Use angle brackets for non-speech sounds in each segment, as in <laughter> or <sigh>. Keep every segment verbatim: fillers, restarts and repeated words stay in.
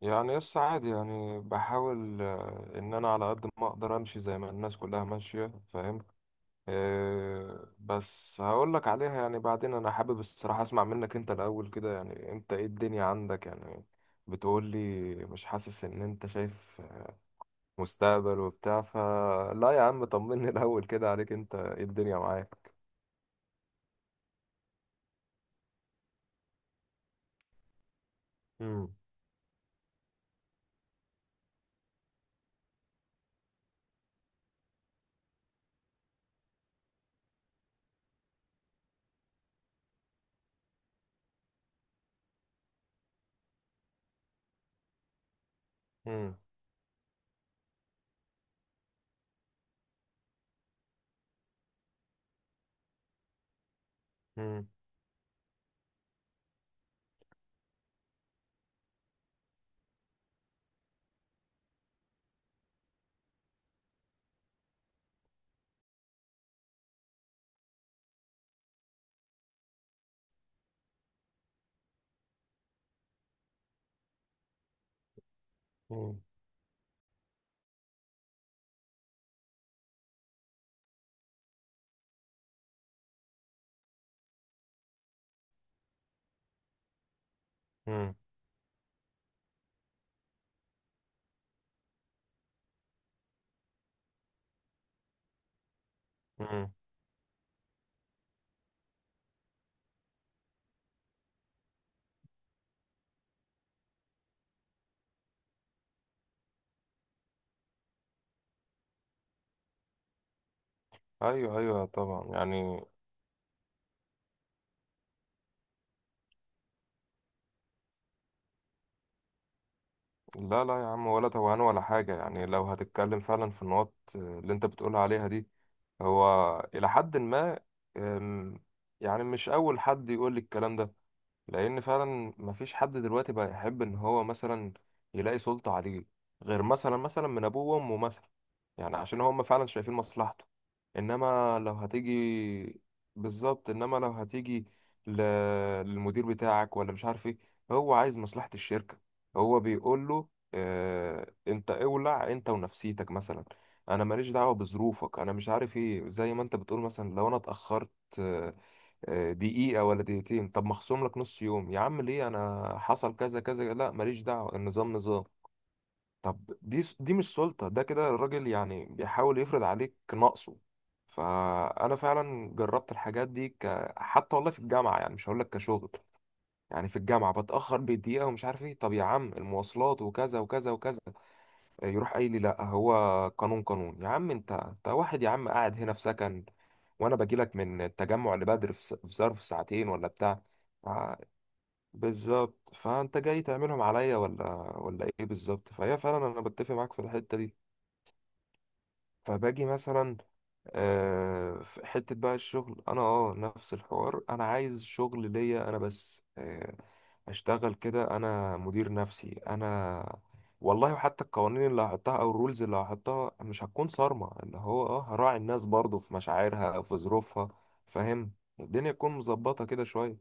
يعني يس عادي يعني بحاول آه، ان انا على قد ما اقدر امشي زي ما الناس كلها ماشية فاهم. آه، بس هقول لك عليها يعني بعدين انا حابب الصراحة اسمع منك انت الاول كده يعني انت ايه الدنيا عندك يعني بتقول لي؟ مش حاسس ان انت شايف مستقبل وبتاع؟ فلا يا عم طمني <laughs> الاول كده عليك انت ايه الدنيا معاك؟ مم. مم. مم. مم. مم. مم. ايوه ايوه طبعا يعني. لا لا يا عم ولا توهان ولا حاجة يعني. لو هتتكلم فعلا في النقط آه، اللي انت بتقول عليها دي، هو إلى حد ما. أم، يعني مش أول حد يقول لي الكلام ده، لأن فعلا مفيش حد دلوقتي بقى يحب إن هو مثلا يلاقي سلطة عليه، غير مثلا مثلا من أبوه وأمه مثلا، يعني عشان هم فعلا شايفين مصلحته. إنما لو هتيجي. بالظبط، إنما لو هتيجي ل- للمدير بتاعك ولا مش عارف إيه، هو عايز مصلحة الشركة، هو بيقول له آه، انت اولع انت ونفسيتك مثلا، انا ماليش دعوه بظروفك انا مش عارف ايه. زي ما انت بتقول، مثلا لو انا اتاخرت آه، آه، دقيقه ولا دقيقتين، طب مخصوم لك نص يوم. يا عم ليه؟ انا حصل كذا كذا. لا ماليش دعوه، النظام نظام. طب دي س- دي مش سلطه، ده كده الراجل يعني بيحاول يفرض عليك نقصه. فانا فعلا جربت الحاجات دي ك... حتى والله في الجامعه، يعني مش هقول لك كشغل، يعني في الجامعه بتاخر بدقيقه ومش عارف ايه. طب يا عم المواصلات وكذا وكذا وكذا. يروح قايل لي لا، هو قانون قانون. يا عم انت انت واحد يا عم قاعد هنا في سكن، وانا باجي لك من التجمع لبدر في س- في ظرف ساعتين ولا بتاع. ع- بالظبط، فانت جاي تعملهم عليا ولا ولا ايه؟ بالظبط، فهي فعلا انا بتفق معاك في الحتة دي. فباجي مثلا آه، في حتة بقى الشغل. أنا أه نفس الحوار، أنا عايز شغل ليا أنا بس، آه، أشتغل كده أنا مدير نفسي أنا. والله وحتى القوانين اللي هحطها أو الرولز اللي هحطها مش هتكون صارمة، اللي هو أه هراعي الناس برضو في مشاعرها أو في ظروفها، فاهم؟ الدنيا تكون مظبطة كده شوية،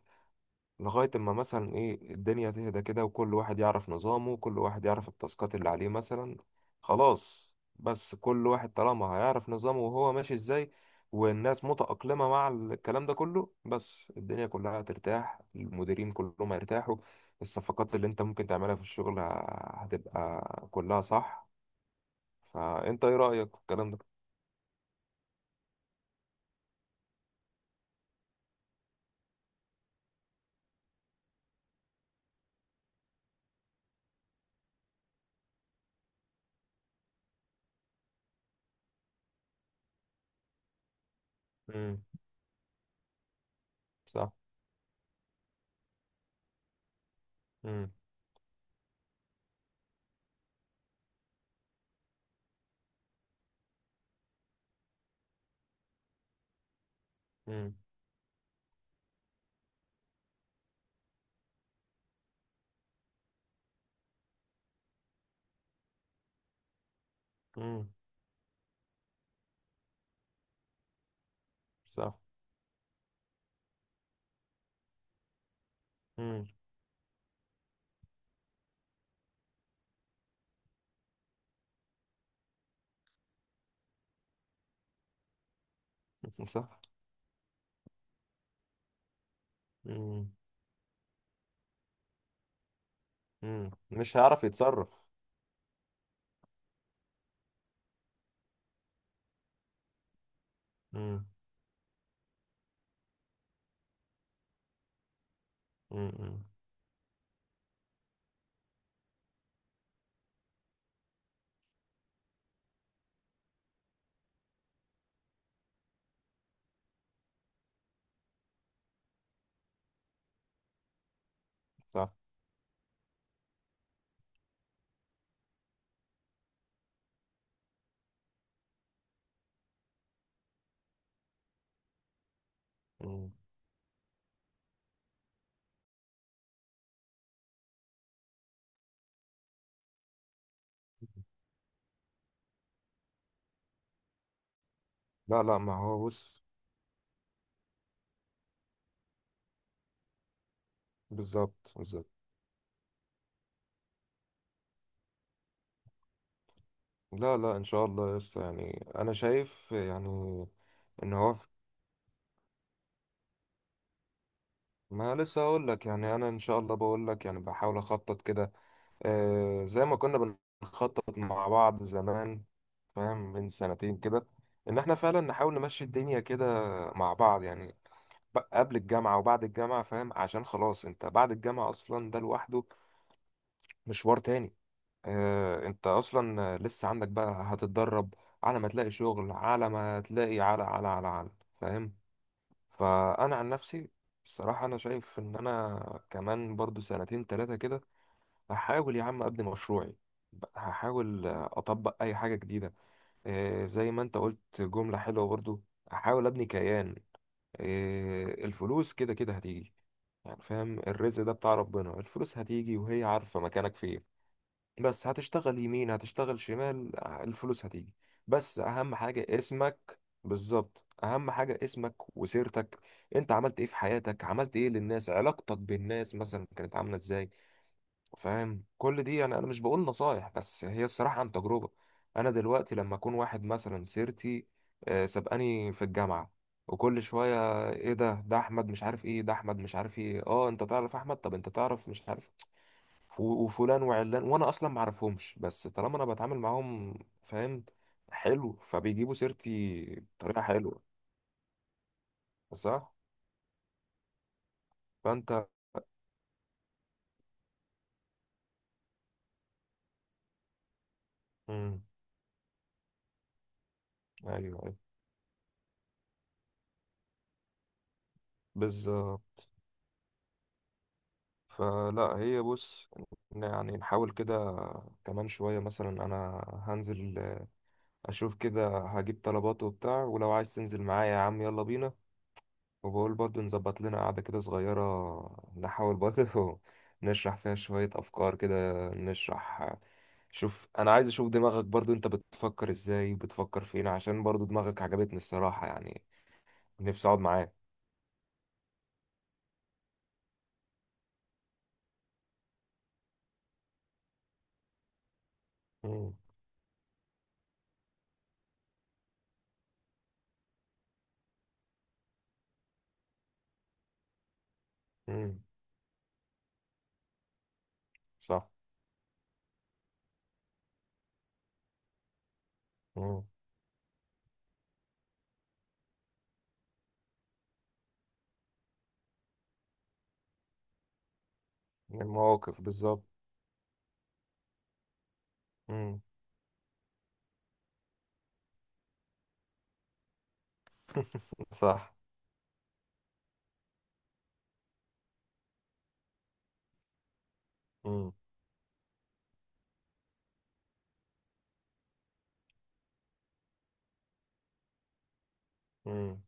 لغاية اما مثلا ايه، الدنيا تهدى كده وكل واحد يعرف نظامه، وكل واحد يعرف التاسكات اللي عليه مثلا. خلاص، بس كل واحد طالما هيعرف نظامه وهو ماشي ازاي، والناس متأقلمة مع الكلام ده كله، بس الدنيا كلها هترتاح، المديرين كلهم هيرتاحوا، الصفقات اللي انت ممكن تعملها في الشغل ه- هتبقى كلها صح. فانت ايه رأيك في الكلام ده؟ امم صح. امم امم امم صح. امم <laughs> صح. امم امم مش هيعرف يتصرف. مم. مم. مم. صح. مم. لا لا ما هو بص. بالظبط بالظبط. لا لا ان شاء الله يس. يعني انا شايف يعني ان هو، ما لسه اقول لك. يعني انا ان شاء الله بقول لك يعني بحاول اخطط كده آه زي ما كنا بنخطط مع بعض زمان، فاهم؟ من سنتين كده، ان احنا فعلا نحاول نمشي الدنيا كده مع بعض يعني ب- قبل الجامعة وبعد الجامعة، فاهم؟ عشان خلاص انت بعد الجامعة اصلا ده لوحده مشوار تاني. آه، انت اصلا لسه عندك بقى هتتدرب على ما تلاقي شغل، على ما تلاقي، على على على على، فاهم؟ فانا عن نفسي الصراحة انا شايف ان انا كمان برضو سنتين تلاتة كده هحاول يا عم ابني مشروعي، هحاول اطبق اي حاجة جديدة. آه، زي ما انت قلت جملة حلوة برضو، احاول ابني كيان. آه، الفلوس كده كده هتيجي، يعني فاهم، الرزق ده بتاع ربنا. الفلوس هتيجي وهي عارفة مكانك فين، بس هتشتغل يمين هتشتغل شمال الفلوس هتيجي. بس اهم حاجة اسمك، بالظبط اهم حاجة اسمك وسيرتك. انت عملت ايه في حياتك؟ عملت ايه للناس؟ علاقتك بالناس مثلا كانت عاملة ازاي؟ فاهم؟ كل دي يعني، انا مش بقول نصايح بس هي الصراحة عن تجربة. انا دلوقتي لما اكون واحد مثلا سيرتي آه، سبقاني في الجامعة، وكل شوية ايه ده ده احمد مش عارف ايه؟ ده احمد مش عارف ايه؟ اه انت تعرف احمد؟ طب انت تعرف مش عارف؟ ف- وفلان وعلان، وانا اصلا ما اعرفهمش، بس طالما انا بتعامل معاهم فاهم، حلو، فبيجيبوا سيرتي بطريقه حلوه. صح. فانت. مم. ايوه ايوه. بالظبط. فلا هي بص، ن- يعني نحاول كده كمان شويه، مثلا انا هنزل اشوف كده هجيب طلبات وبتاع، ولو عايز تنزل معايا يا عم يلا بينا، وبقول برضه نظبط لنا قعدة كده صغيرة، نحاول برضه <laughs> نشرح فيها شوية أفكار كده، نشرح. شوف أنا عايز أشوف دماغك برضه، أنت بتفكر إزاي؟ بتفكر فين؟ عشان برضه دماغك عجبتني الصراحة، يعني نفسي أقعد معاك. مم. مم. صح. مم. المواقف بالظبط. مم. صح. مم. مم.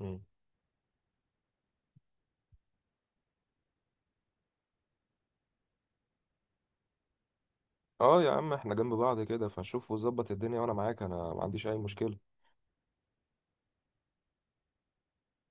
مم. اه يا عم احنا جنب بعض كده، فشوف وظبط الدنيا وانا معاك، انا ما عنديش اي مشكلة.